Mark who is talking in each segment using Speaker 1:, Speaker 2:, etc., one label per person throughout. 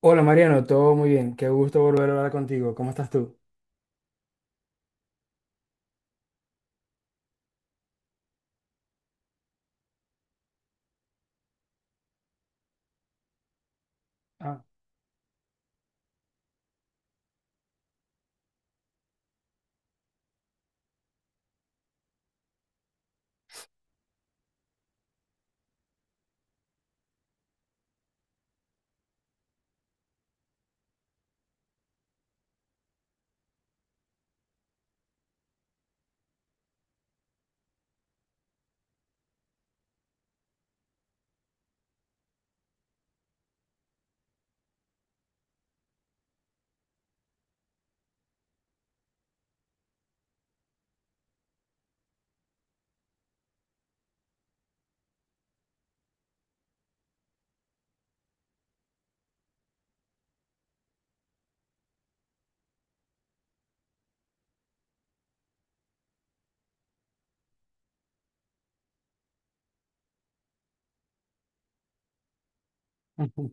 Speaker 1: Hola Mariano, todo muy bien. Qué gusto volver a hablar contigo. ¿Cómo estás tú? Ah, ujú.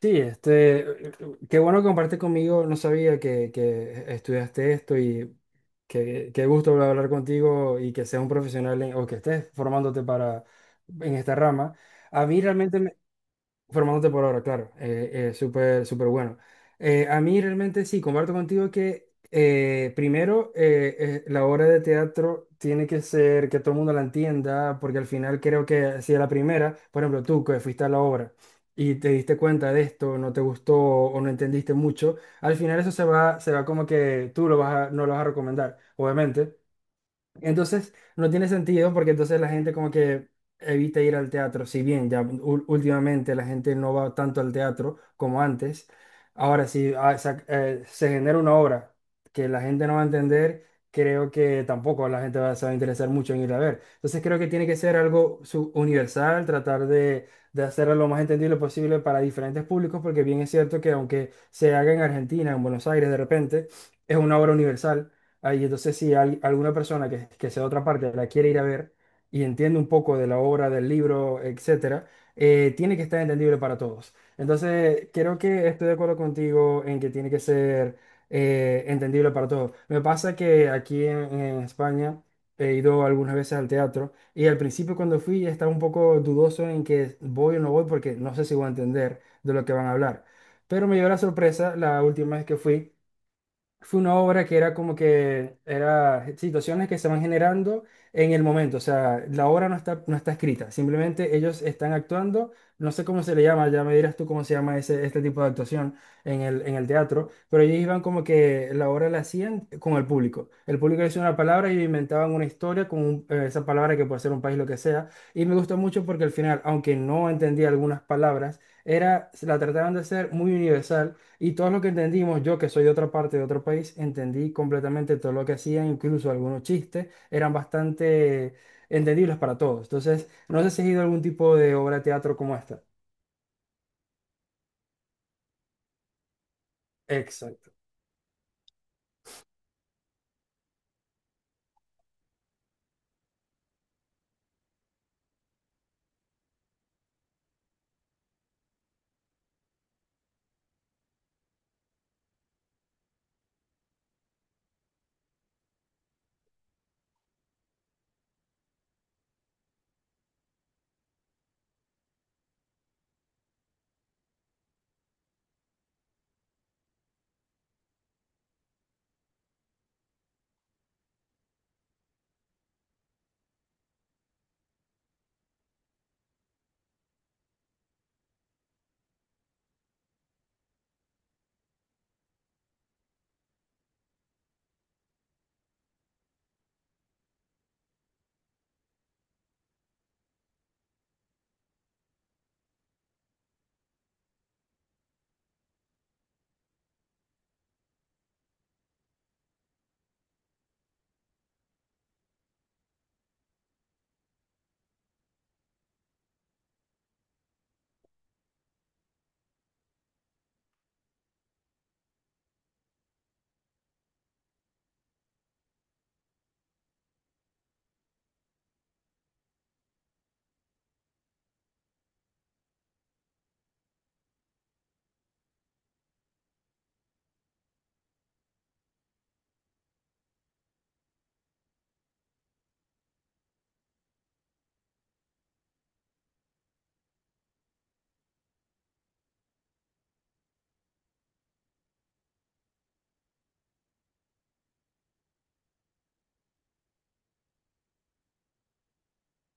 Speaker 1: Sí, qué bueno que compartes conmigo. No sabía que estudiaste esto y qué gusto volver a hablar contigo y que seas un profesional en- o que estés formándote para en esta rama. A mí realmente formándote por ahora, claro. Súper, súper bueno. A mí realmente sí, comparto contigo que primero la obra de teatro tiene que ser que todo el mundo la entienda, porque al final creo que si a la primera, por ejemplo, tú que fuiste a la obra y te diste cuenta de esto, no te gustó o no entendiste mucho, al final eso se va como que tú lo vas a- no lo vas a recomendar, obviamente. Entonces, no tiene sentido porque entonces la gente como que evita ir al teatro, si bien ya ú- últimamente la gente no va tanto al teatro como antes, ahora si ah, sa- se genera una obra que la gente no va a entender, creo que tampoco la gente va, se va a interesar mucho en ir a ver. Entonces creo que tiene que ser algo su- universal, tratar de hacerlo lo más entendible posible para diferentes públicos, porque bien es cierto que aunque se haga en Argentina, en Buenos Aires de repente, es una obra universal. Ahí, entonces, si hay alguna persona que sea de otra parte la quiere ir a ver y entiende un poco de la obra, del libro, etcétera, tiene que estar entendible para todos. Entonces, creo que estoy de acuerdo contigo en que tiene que ser entendible para todos. Me pasa que aquí en España he ido algunas veces al teatro y al principio cuando fui estaba un poco dudoso en que voy o no voy porque no sé si voy a entender de lo que van a hablar. Pero me dio la sorpresa la última vez que fui. Fue una obra que era como que era situaciones que se van generando en el momento, o sea, la obra no está, no está escrita, simplemente ellos están actuando, no sé cómo se le llama, ya me dirás tú cómo se llama ese, este tipo de actuación en el teatro, pero ellos iban como que la obra la hacían con el público decía una palabra y inventaban una historia con un- esa palabra que puede ser un país, lo que sea, y me gustó mucho porque al final, aunque no entendía algunas palabras, era, la trataban de hacer muy universal y todo lo que entendimos, yo que soy de otra parte, de otro país, entendí completamente todo lo que hacían, incluso algunos chistes eran bastante entendibles para todos. Entonces, no sé si has ido a algún tipo de obra de teatro como esta. Exacto.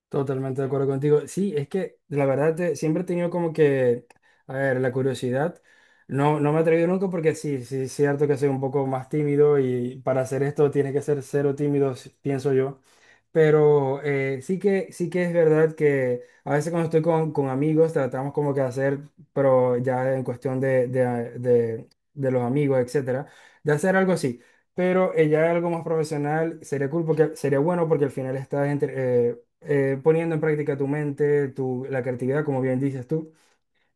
Speaker 1: Totalmente de acuerdo contigo. Sí, es que la verdad te- siempre he tenido como que, a ver, la curiosidad. No, no me he atrevido nunca porque sí, sí, es cierto que soy un poco más tímido y para hacer esto tienes que ser cero tímido, si- pienso yo. Pero sí sí que es verdad que a veces cuando estoy con amigos tratamos como que hacer, pero ya en cuestión de los amigos, etcétera, de hacer algo así. Pero ya algo más profesional sería cool porque sería bueno porque al final estás entre- poniendo en práctica tu mente, tu, la creatividad, como bien dices tú.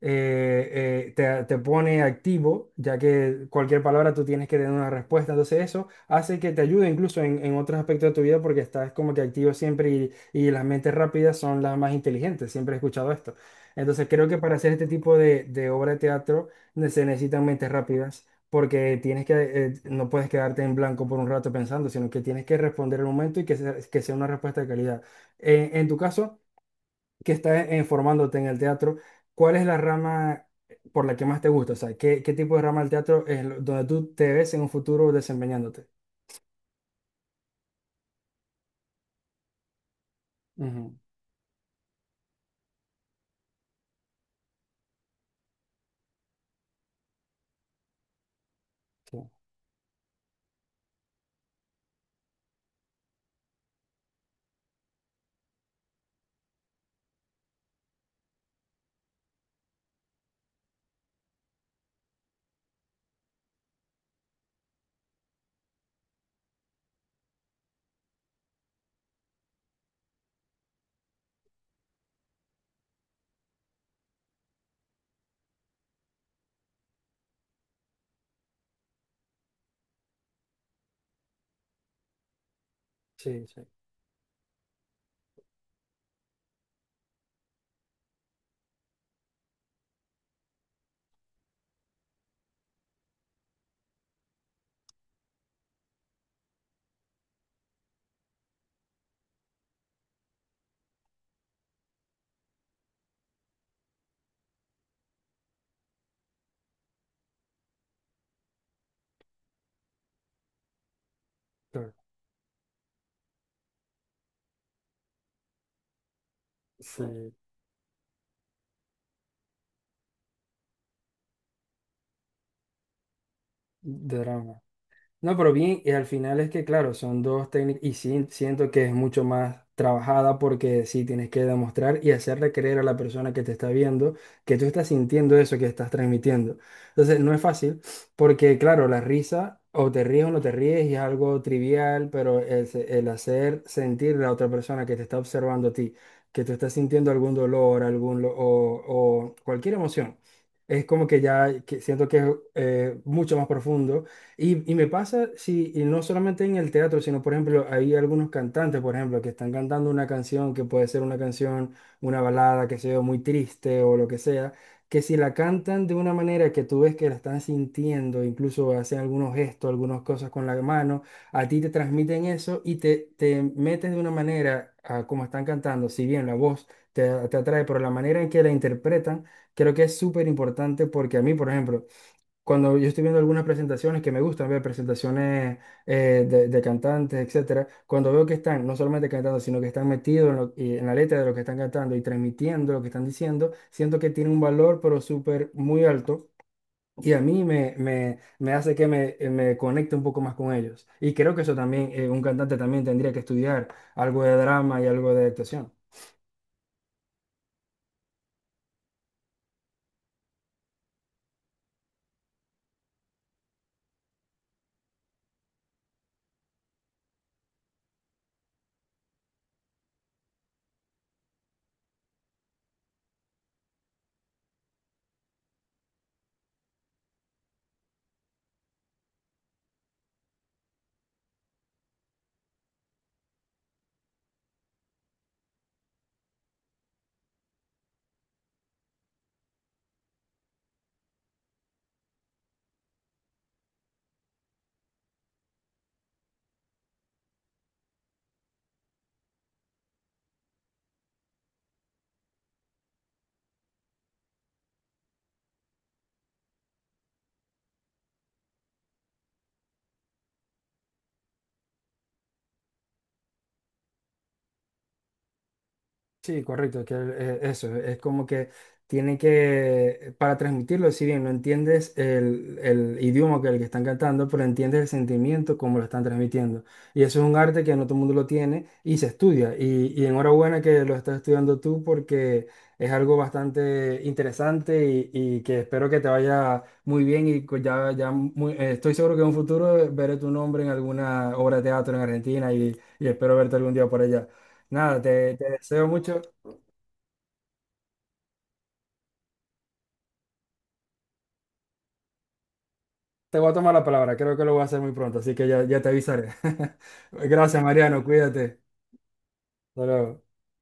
Speaker 1: Te pone activo, ya que cualquier palabra tú tienes que tener una respuesta. Entonces eso hace que te ayude incluso en otros aspectos de tu vida porque estás como que activo siempre y las mentes rápidas son las más inteligentes. Siempre he escuchado esto. Entonces creo que para hacer este tipo de obra de teatro ne- se necesitan mentes rápidas. Porque tienes que, no puedes quedarte en blanco por un rato pensando, sino que tienes que responder el momento y que sea una respuesta de calidad. En tu caso, que estás formándote en el teatro, ¿cuál es la rama por la que más te gusta? O sea, qué tipo de rama del teatro es lo- donde tú te ves en un futuro desempeñándote? Ujú, sí. Sí, sí, claro. Sí, de drama. No, pero bien, y al final es que, claro, son dos técnicas y sí, siento que es mucho más trabajada porque sí tienes que demostrar y hacerle creer a la persona que te está viendo que tú estás sintiendo eso que estás transmitiendo. Entonces, no es fácil porque, claro, la risa o te ríes o no te ríes y es algo trivial, pero el, se- el hacer sentir a la otra persona que te está observando a ti, que tú estás sintiendo algún dolor, algún lo- o cualquier emoción, es como que ya que siento que es mucho más profundo y me pasa, sí, y no solamente en el teatro, sino, por ejemplo, hay algunos cantantes, por ejemplo, que están cantando una canción que puede ser una canción, una balada, que sea muy triste o lo que sea, que si la cantan de una manera que tú ves que la están sintiendo, incluso hacen algunos gestos, algunas cosas con la mano, a ti te transmiten eso y te metes de una manera a como están cantando, si bien la voz te atrae, pero la manera en que la interpretan, creo que es súper importante porque a mí, por ejemplo, cuando yo estoy viendo algunas presentaciones que me gustan ver, presentaciones de cantantes, etcétera, cuando veo que están no solamente cantando, sino que están metidos en, lo- y en la letra de lo que están cantando y transmitiendo lo que están diciendo, siento que tiene un valor, pero súper muy alto. Y a mí me hace que me, me conecte un poco más con ellos. Y creo que eso también, un cantante también tendría que estudiar algo de drama y algo de actuación. Sí, correcto, es como que tienen que, para transmitirlo, si bien no entiendes el idioma que el que están cantando, pero entiendes el sentimiento como lo están transmitiendo. Y eso es un arte que no todo el mundo lo tiene y se estudia. Y enhorabuena que lo estás estudiando tú porque es algo bastante interesante y que espero que te vaya muy bien y co- ya muy- estoy seguro que en un futuro veré tu nombre en alguna obra de teatro en Argentina y espero verte algún día por allá. Nada, te deseo mucho. Te voy a tomar la palabra, creo que lo voy a hacer muy pronto, así que ya te avisaré. Gracias, Mariano, cuídate. Hasta luego.